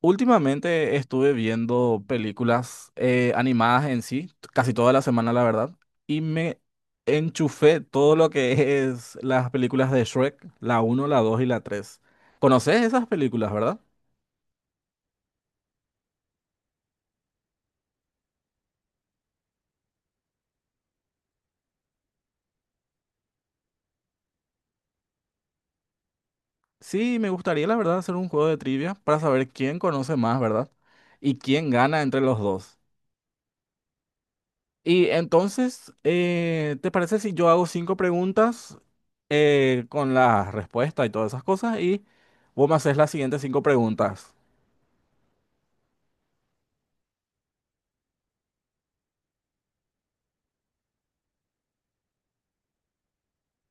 Últimamente estuve viendo películas animadas en sí, casi toda la semana, la verdad, y me enchufé todo lo que es las películas de Shrek, la uno, la 2 y la 3. ¿Conoces esas películas, verdad? Sí, me gustaría, la verdad, hacer un juego de trivia para saber quién conoce más, ¿verdad? Y quién gana entre los dos. Y entonces, ¿te parece si yo hago cinco preguntas con las respuestas y todas esas cosas y vos me haces las siguientes cinco preguntas?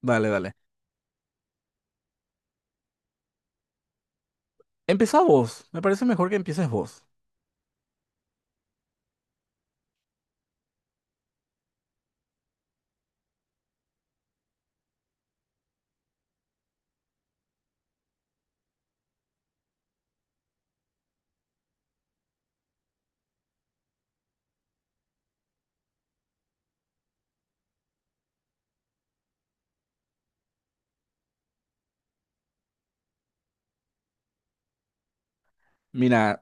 Dale, dale. Empieza vos. Me parece mejor que empieces vos. Mira,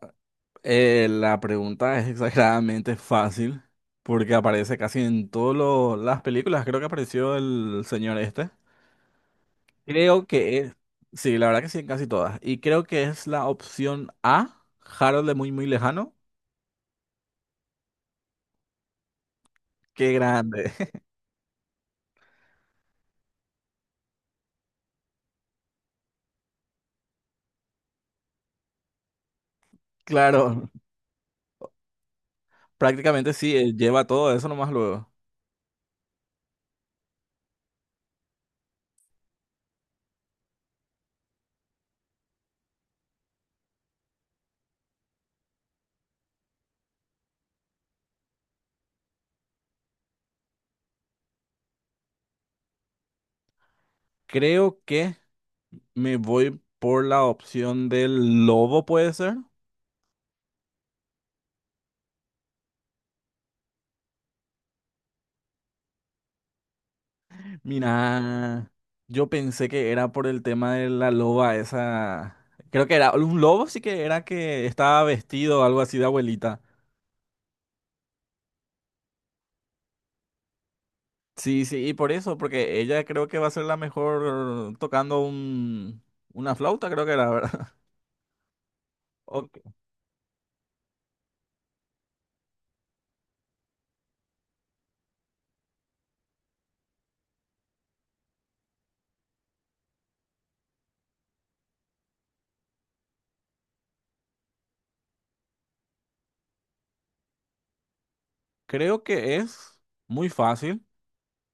la pregunta es exageradamente fácil porque aparece casi en todas las películas. Creo que apareció el señor este. Creo que es... Sí, la verdad que sí, en casi todas. Y creo que es la opción A, Harold de muy, muy lejano. Qué grande. Claro, prácticamente sí, lleva todo eso nomás luego. Creo que me voy por la opción del lobo, ¿puede ser? Mira, yo pensé que era por el tema de la loba esa. Creo que era un lobo, sí que era que estaba vestido algo así de abuelita. Sí, sí, y por eso, porque ella creo que va a ser la mejor tocando una flauta, creo que era, ¿verdad? O- Creo que es muy fácil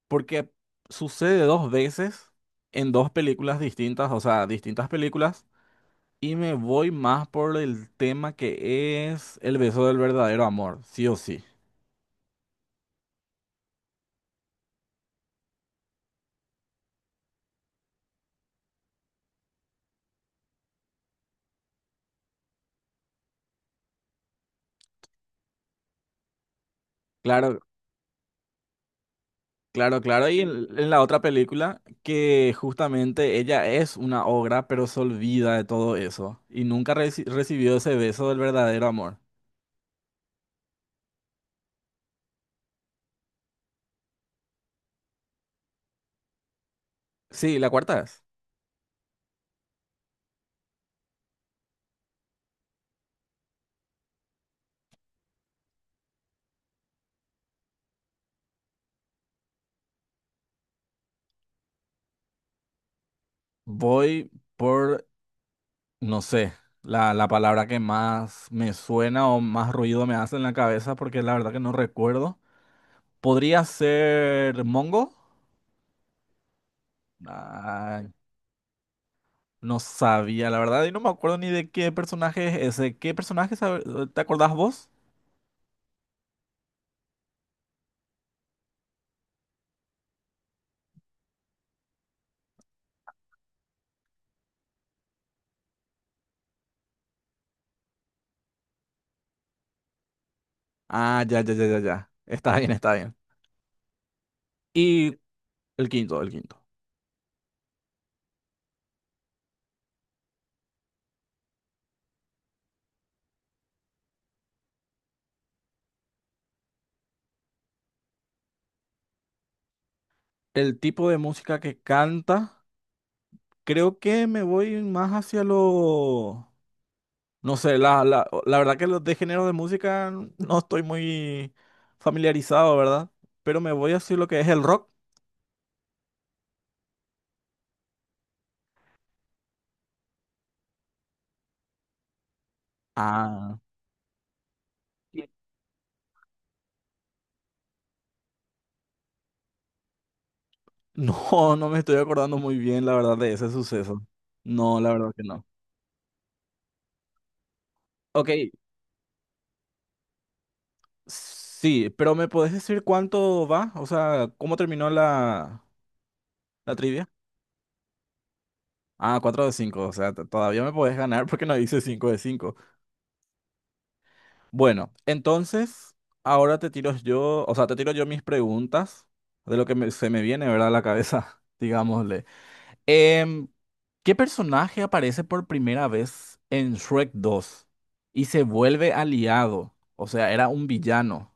porque sucede dos veces en dos películas distintas, o sea, distintas películas, y me voy más por el tema que es el beso del verdadero amor, sí o sí. Claro, claro, claro. Y en la otra película, que justamente ella es una ogra, pero se olvida de todo eso. Y nunca recibió ese beso del verdadero amor. Sí, la cuarta es. Voy por, no sé, la palabra que más me suena o más ruido me hace en la cabeza, porque la verdad que no recuerdo. ¿Podría ser Mongo? Ay, no sabía, la verdad, y no me acuerdo ni de qué personaje es ese. ¿Qué personaje te acordás vos? Ah, ya, ya, ya, ya, ya. Está bien, está bien. Y el quinto, el quinto. El tipo de música que canta, creo que me voy más hacia lo... No sé, la verdad que los de género de música no estoy muy familiarizado, ¿verdad? Pero me voy hacia lo que es el rock. Ah. No, no me estoy acordando muy bien, la verdad, de ese suceso. No, la verdad que no. Ok, sí, pero ¿me podés decir cuánto va? O sea, ¿cómo terminó la trivia? Ah, 4 de 5. O sea, todavía me podés ganar porque no dice 5 de 5. Bueno, entonces, ahora te tiro yo, o sea, te tiro yo mis preguntas de lo que se me viene, ¿verdad? A la cabeza, digámosle. Em, ¿Qué personaje aparece por primera vez en Shrek dos y se vuelve aliado? O sea, era un villano.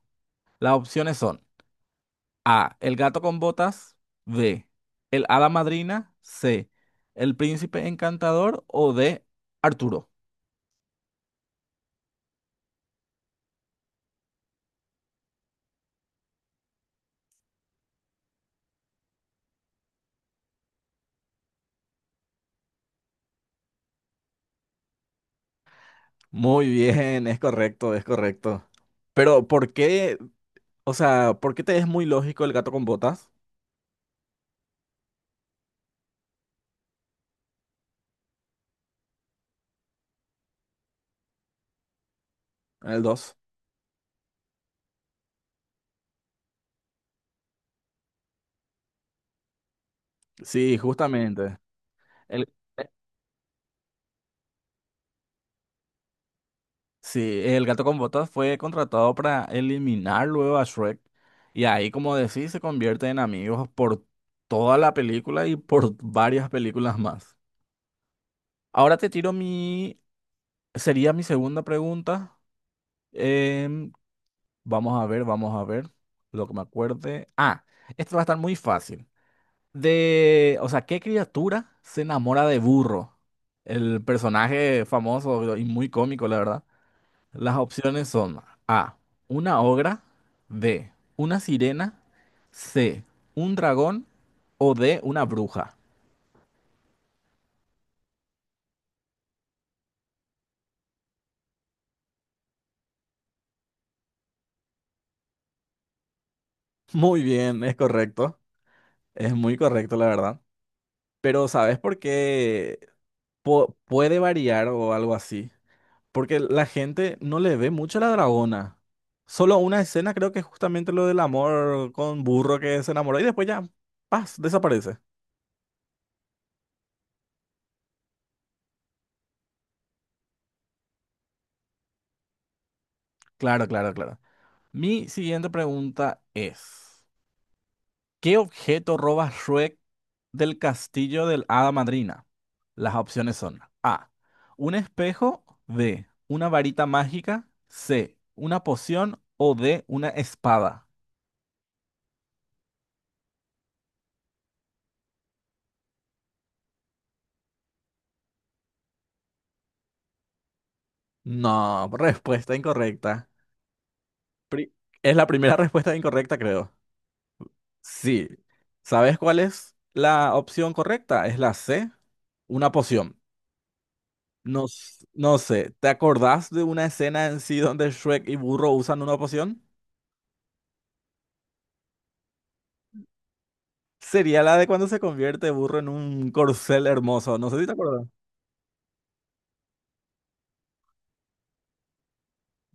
Las opciones son A, el gato con botas, B, el hada madrina, C, el príncipe encantador o D, Arturo. Muy bien, es correcto, es correcto. Pero, ¿por qué? O sea, ¿por qué te es muy lógico el gato con botas? ¿El dos? Sí, justamente. El, eh, sí, el gato con botas fue contratado para eliminar luego a Shrek. Y ahí, como decís, se convierte en amigos por toda la película y por varias películas más. Ahora te tiro mi... Sería mi segunda pregunta. Em, vamos a ver lo que me acuerde. Ah, esto va a estar muy fácil. De, o sea, ¿qué criatura se enamora de Burro? El personaje famoso y muy cómico, la verdad. Las opciones son A, una ogra, B, una sirena, C, un dragón o D, una bruja. Muy bien, es correcto. Es muy correcto, la verdad. Pero ¿sabes por qué puede variar o algo así? Porque la gente no le ve mucho a la dragona. Solo una escena creo que es justamente lo del amor con burro que se enamoró y después ya, paz, desaparece. Claro, claro, claro. Mi siguiente pregunta es, ¿qué objeto roba Shrek del castillo del Hada Madrina? Las opciones son A, un espejo, B, una varita mágica, C, una poción o D, una espada. No, respuesta incorrecta. Pri- Es la primera respuesta incorrecta, creo. Sí. ¿Sabes cuál es la opción correcta? Es la C, una poción. No, no sé, ¿te acordás de una escena en sí donde Shrek y Burro usan una poción? Sería la de cuando se convierte Burro en un corcel hermoso. No sé si te acuerdas.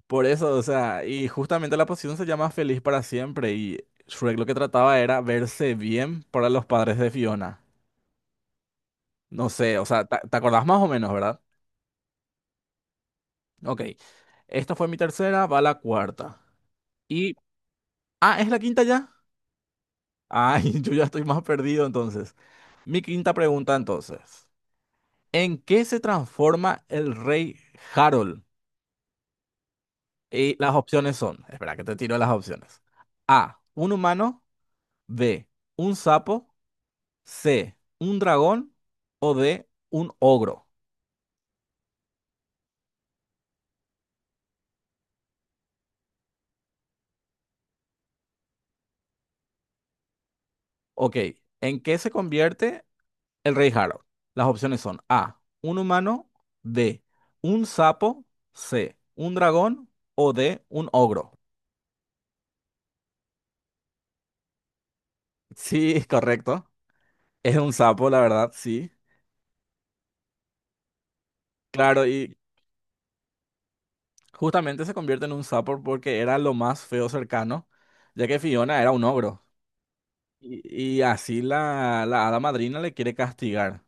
Por eso, o sea, y justamente la poción se llama Feliz para siempre y Shrek lo que trataba era verse bien para los padres de Fiona. No sé, o sea, ¿te, te acordás más o menos, verdad? Ok. Esta fue mi tercera, va la cuarta. Y. Ah, ¿es la quinta ya? Ay, yo ya estoy más perdido entonces. Mi quinta pregunta entonces. ¿En qué se transforma el rey Harold? Y las opciones son, espera que te tiro las opciones. A, un humano, B, un sapo, C, un dragón o D, un ogro. Ok, ¿en qué se convierte el rey Harold? Las opciones son A, un humano, D, un sapo, C, un dragón o D, un ogro. Sí, correcto. Es un sapo, la verdad, sí. Claro, y justamente se convierte en un sapo porque era lo más feo cercano, ya que Fiona era un ogro. Y así la hada madrina le quiere castigar.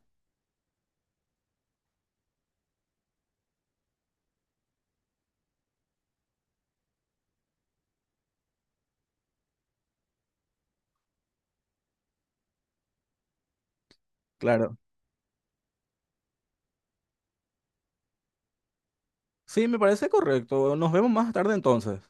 Claro. Sí, me parece correcto. Nos vemos más tarde entonces.